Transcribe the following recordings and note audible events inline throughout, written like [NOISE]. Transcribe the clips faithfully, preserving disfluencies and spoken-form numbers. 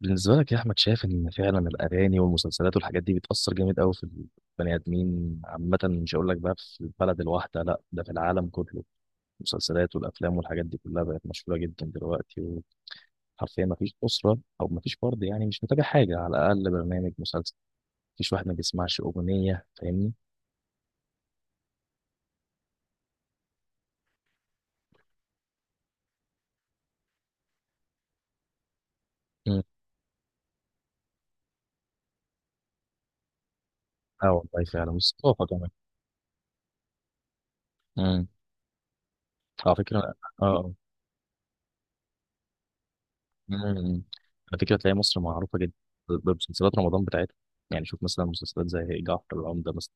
بالنسبة لك يا أحمد، شايف إن فعلا الأغاني والمسلسلات والحاجات دي بتأثر جامد أوي في البني آدمين عامة. مش هقول لك بقى في البلد الواحدة، لأ ده في العالم كله. المسلسلات والأفلام والحاجات دي كلها بقت مشهورة جدا دلوقتي. وحرفيا مفيش أسرة أو مفيش فرد يعني مش متابع حاجة، على الأقل برنامج مسلسل. مفيش واحد ما بيسمعش أغنية، فاهمني؟ مم. أه والله فعلا، والثقافة كمان. مم. على فكرة. أه. مم. على فكرة تلاقي مصر معروفة جدا بمسلسلات رمضان بتاعتها. يعني شوف مثلا مسلسلات زي جعفر العمدة مثلا،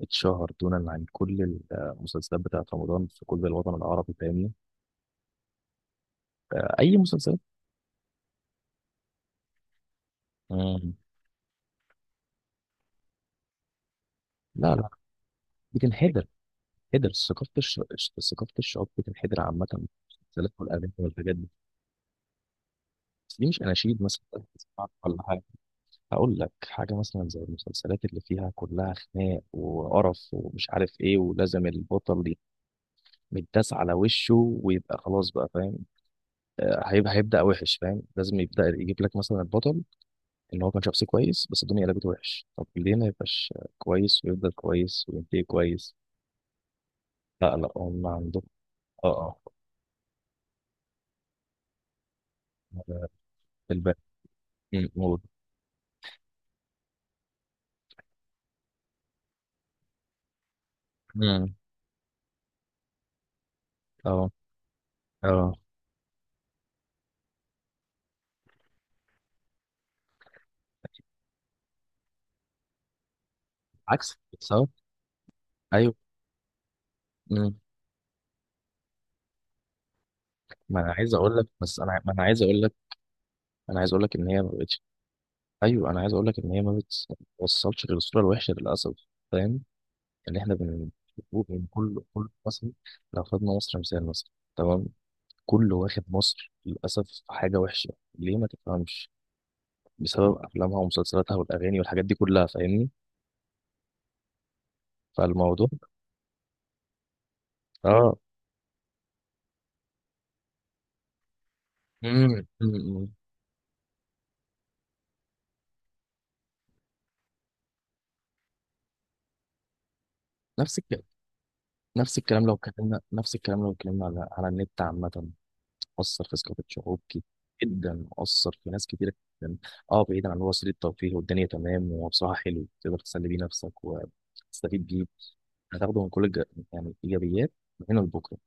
اتشهر دونا عن كل المسلسلات بتاعت رمضان في كل الوطن العربي، فاهمني؟ أي مسلسلات. مم. لا لا، بتنحدر. هدر ثقافة الش... الش- ثقافة الشعوب بتنحدر عامة في المسلسلات والأغاني والحاجات دي. بس دي مش أناشيد مثلا بتسمعها ولا حاجة. هقول لك حاجة، مثلا زي المسلسلات اللي فيها كلها خناق وقرف ومش عارف إيه، ولازم البطل متداس على وشه ويبقى خلاص بقى، فاهم؟ آه، هيبقى هيبدأ وحش، فاهم؟ لازم يبدأ يجيب لك مثلا البطل ان هو كان شخص كويس بس الدنيا قلبت وحش. طب ليه ما يبقاش كويس ويفضل كويس وينتهي كويس؟ لا لا، هم عندهم. اه. اه في الباقي. أمم، موت. أمم، اه. اه، عكس صح. ايوه. أمم. ما انا عايز اقول لك بس انا ما انا عايز اقول لك. انا عايز اقول لك ان هي ما بقتش. ايوه انا عايز اقول لك ان هي ما بتوصلش للصوره الوحشه للاسف، فاهم؟ اللي احنا بنشوفه يعني كل كل مصري، لو خدنا مصر مثال مثلا، تمام. كله واخد مصر للأسف في حاجة وحشة، ليه ما تفهمش؟ بسبب أفلامها ومسلسلاتها والأغاني والحاجات دي كلها، فاهمني؟ فالموضوع اه. مم. مم. نفس الكلام. نفس الكلام لو اتكلمنا نفس الكلام لو اتكلمنا على على النت عامة. مؤثر في ثقافة شعوب كتير، جدا مؤثر في ناس كتير جدا. اه بعيدا عن هو وسيلة ترفيه والدنيا تمام، وهو بصراحة حلو تقدر تسلي بيه نفسك وتستفيد بيه. هتاخده من كل الج... يعني إيجابيات من هنا لبكرة،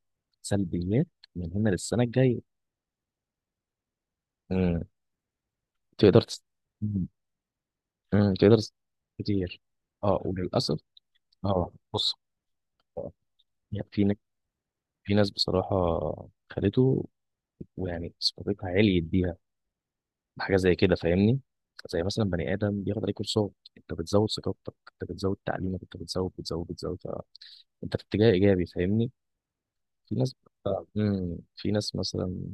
سلبيات من هنا للسنة الجاية. مم. تقدر تست... مم. مم. تقدر تست... كتير، اه وللأسف. اه بص. آه، يعني في ن- في ناس بصراحة خدته ويعني ثقافتها عليت بيها، حاجه زي كده، فاهمني؟ زي مثلا بني ادم بياخد عليه كورسات، انت بتزود ثقافتك، انت بتزود تعليمك، انت بتزود بتزود بتزود ف- انت في اتجاه ايجابي، فاهمني؟ في ناس، امم في ناس مثلا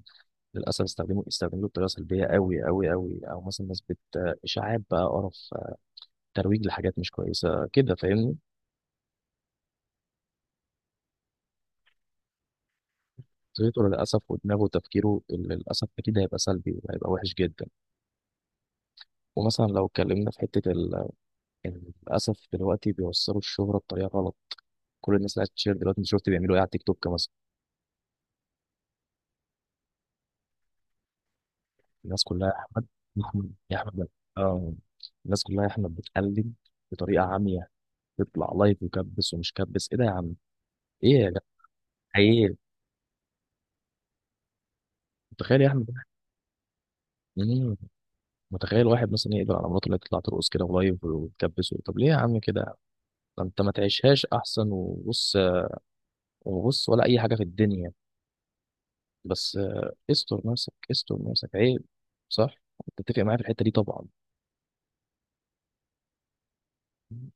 للاسف استخدموا استخدموا بطريقه سلبيه قوي قوي قوي، او مثلا ناس بت اشاعات بقى، قرف، ترويج لحاجات مش كويسه كده، فاهمني؟ طريقته للاسف ودماغه وتفكيره اللي للاسف اكيد هيبقى سلبي وهيبقى وحش جدا. ومثلا لو اتكلمنا في حته ال- للاسف دلوقتي بيوصلوا الشهره بطريقه غلط، كل الناس قاعده تشير دلوقتي. انت شفت بيعملوا ايه على التيك توك مثلا؟ الناس كلها يا احمد، يا احمد، يا احمد، اه الناس كلها يا احمد بتقلد بطريقه عاميه، تطلع لايف وكبس ومش كبس، ايه ده يا عم؟ ايه يا جدع؟ عيب. متخيل يا احمد؟ مم. متخيل واحد مثلا يقدر على مراته اللي هي تطلع ترقص كده ولايف وتكبس؟ طب ليه يا عم كده؟ ده انت ما تعيشهاش احسن؟ وبص وبص ولا اي حاجه في الدنيا. بس آه، استر نفسك، استر نفسك، عيب. صح، تتفق معايا في الحته دي طبعا. مم.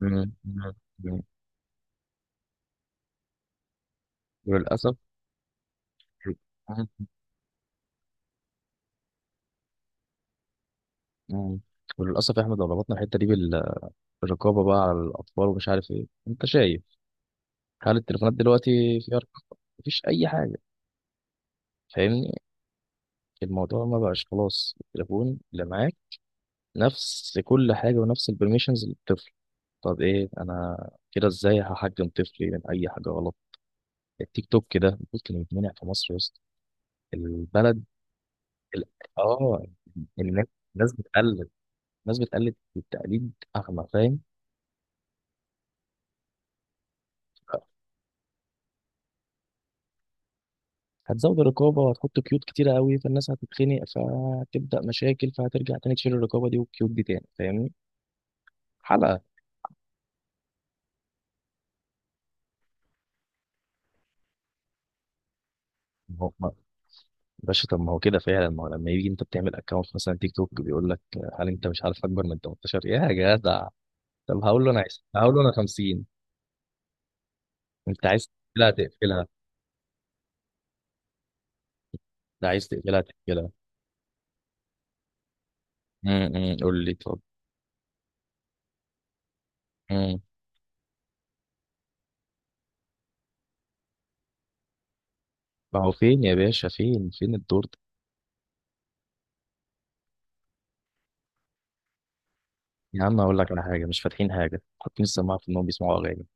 مم. مم. وللاسف. مم. مم. وللاسف يا احمد، لو ربطنا الحته دي بال- بالرقابه بقى على الاطفال ومش عارف ايه، انت شايف هل التليفونات دلوقتي فيها رقابه؟ مفيش اي حاجه، فاهمني؟ الموضوع ما بقاش خلاص، التليفون اللي معاك نفس كل حاجه ونفس البرميشنز للطفل. طب ايه انا كده؟ ازاي هحجم طفلي من اي حاجه غلط؟ التيك توك ده ممكن يتمنع في مصر يا اسطى؟ البلد ال- اه، الناس، الناس بتقلد، الناس بتقلد، التقليد اغمى، فاهم؟ هتزود الرقابه وهتحط قيود كتيره قوي، فالناس هتتخنق فهتبدا مشاكل فهترجع تاني تشيل الرقابه دي والقيود دي تاني، فاهمني؟ حلقه. ما هو ما- باشا، طب ما هو كده فعلا. ما هو لما يجي انت بتعمل اكونت مثلا تيك توك بيقول لك هل انت مش عارف اكبر من ثمانية عشر يا جدع. طب هقول له انا عايز، هقول له انا خمسين. انت عايز تقفلها تقفلها، ده عايز تقفلها تقفلها. امم قول لي طب. امم. ما هو فين يا باشا، فين فين الدور ده؟ يا عم اقول لك على حاجه، مش فاتحين حاجه، حاطين السماعه في انهم بيسمعوا اغاني.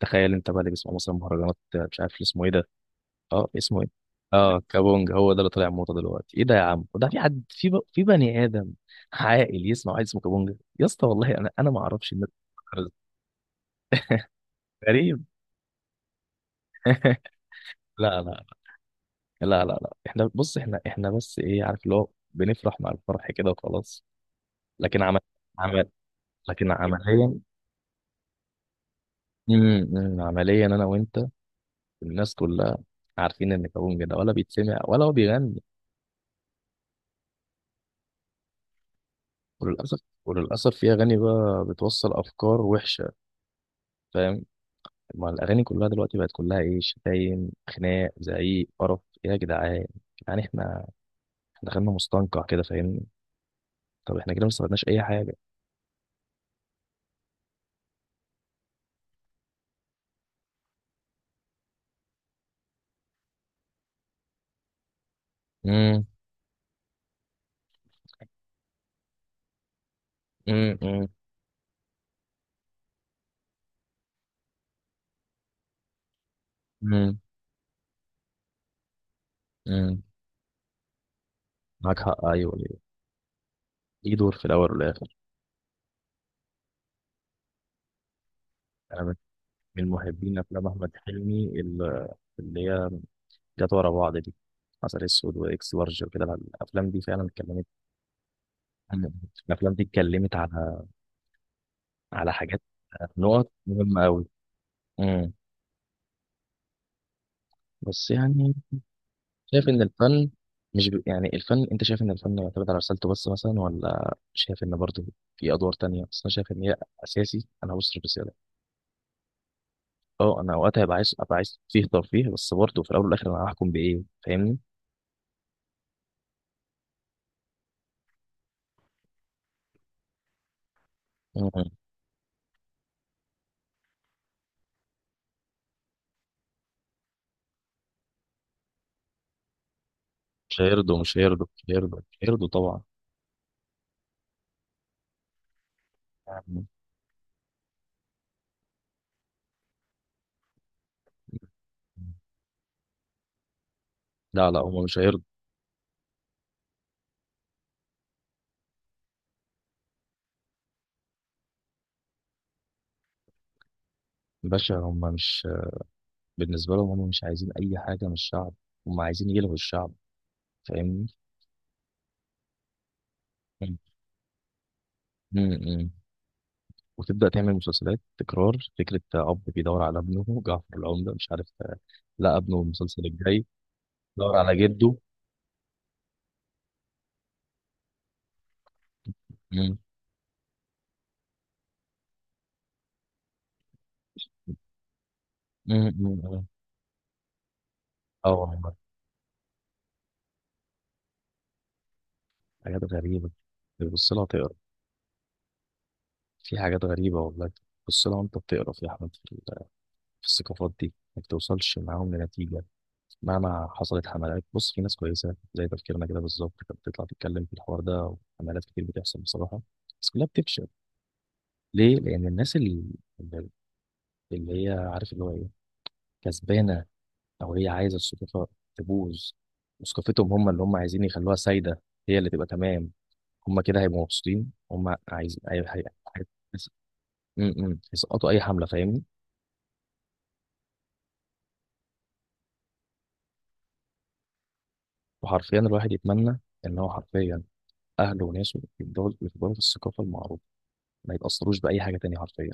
تخيل انت بقى اللي بيسمع مثلا مهرجانات مش عارف اسمه ايه ده، اه اسمه ايه، اه كابونج، هو ده اللي طالع موضه دلوقتي؟ ايه ده يا عم؟ وده في حد، في ب... في بني ادم عاقل يسمع واحد اسمه كابونج يا اسطى؟ والله انا انا ما اعرفش الناس [LAUGHS] بتفكر ازاي. غريب. [LAUGHS] لا لا، لا لا لا، احنا بص، احنا احنا بس ايه، عارف اللي هو، بنفرح مع الفرح كده وخلاص. لكن عمل، عمل لكن عمليا، امم عمليا انا وانت، الناس كلها عارفين ان كابونج ده ولا بيتسمع ولا هو بيغني. وللأسف. وللأسف في أغاني بقى بتوصل أفكار وحشة، فاهم؟ ما الأغاني كلها دلوقتي بقت كلها إيه، شتايم، خناق، زعيق، قرف. إيه يا جدعان؟ يعني إحنا، إحنا دخلنا مستنقع كده، فاهمني؟ طب إحنا كده ما استفدناش أي حاجة. امم امم امم امم، معاك حق. أيوه ليه؟ ليه دور في الأول والآخر. أنا من، من محبين أفلام أحمد حلمي ال- اللي هي جت ورا بعض دي، عسل أسود وإكس لارج وكده. الأفلام دي فعلا اتكلمت، الأفلام دي اتكلمت على، على حاجات، نقط مهمة أوي. امم. بس يعني شايف إن الفن، مش ب... يعني الفن، أنت شايف إن الفن يعتمد على رسالته بس مثلا، ولا شايف إن برضه في أدوار تانية؟ بس أنا شايف إن هي أساسي، أنا هبص الرسالة. أه أنا وقتها هبقى عايز، أبقى عايز فيه ترفيه، بس برضه في الأول والآخر أنا هحكم بإيه؟ فاهمني؟ مم. مش هيرضوا مش هيرضوا مش هيرضوا مش هيرضوا طبعا. يعني. لا لا، هم مش هيرضوا. باشا هم مش، بالنسبة لهم هم مش عايزين أي حاجة من الشعب، هم عايزين يلغوا الشعب، فاهمني؟ امم. وتبدأ تعمل مسلسلات تكرار فكرة أب بيدور على ابنه، جعفر العمدة مش عارف، لا ابنه المسلسل الجاي دور على جده. امم. امم. اه والله، حاجات غريبة. تبص لها تقرا، في حاجات غريبة والله، تبص لها وأنت بتقرا في أحمد في ال- في الثقافات دي ما بتوصلش معاهم لنتيجة. مهما حصلت حملات، بص في ناس كويسة زي تفكيرنا كده بالظبط كانت بتطلع تتكلم في الحوار ده، وحملات كتير بتحصل بصراحة، بس كلها بتفشل. ليه؟ لأن الناس اللي، اللي هي عارف اللي هو ايه، كسبانه او هي عايزه السلطه تبوظ، وثقافتهم هم اللي هم عايزين يخلوها سايده، هي اللي تبقى تمام، هم كده هيبقوا مبسوطين. هم عايزين، هي... هي... هي... م- م. يسقطوا اي حمله، فاهمني؟ وحرفيا الواحد يتمنى ان هو حرفيا اهله وناسه يفضلوا يفضلوا في الثقافه المعروفه، ما يتاثروش باي حاجه تانية، حرفيا.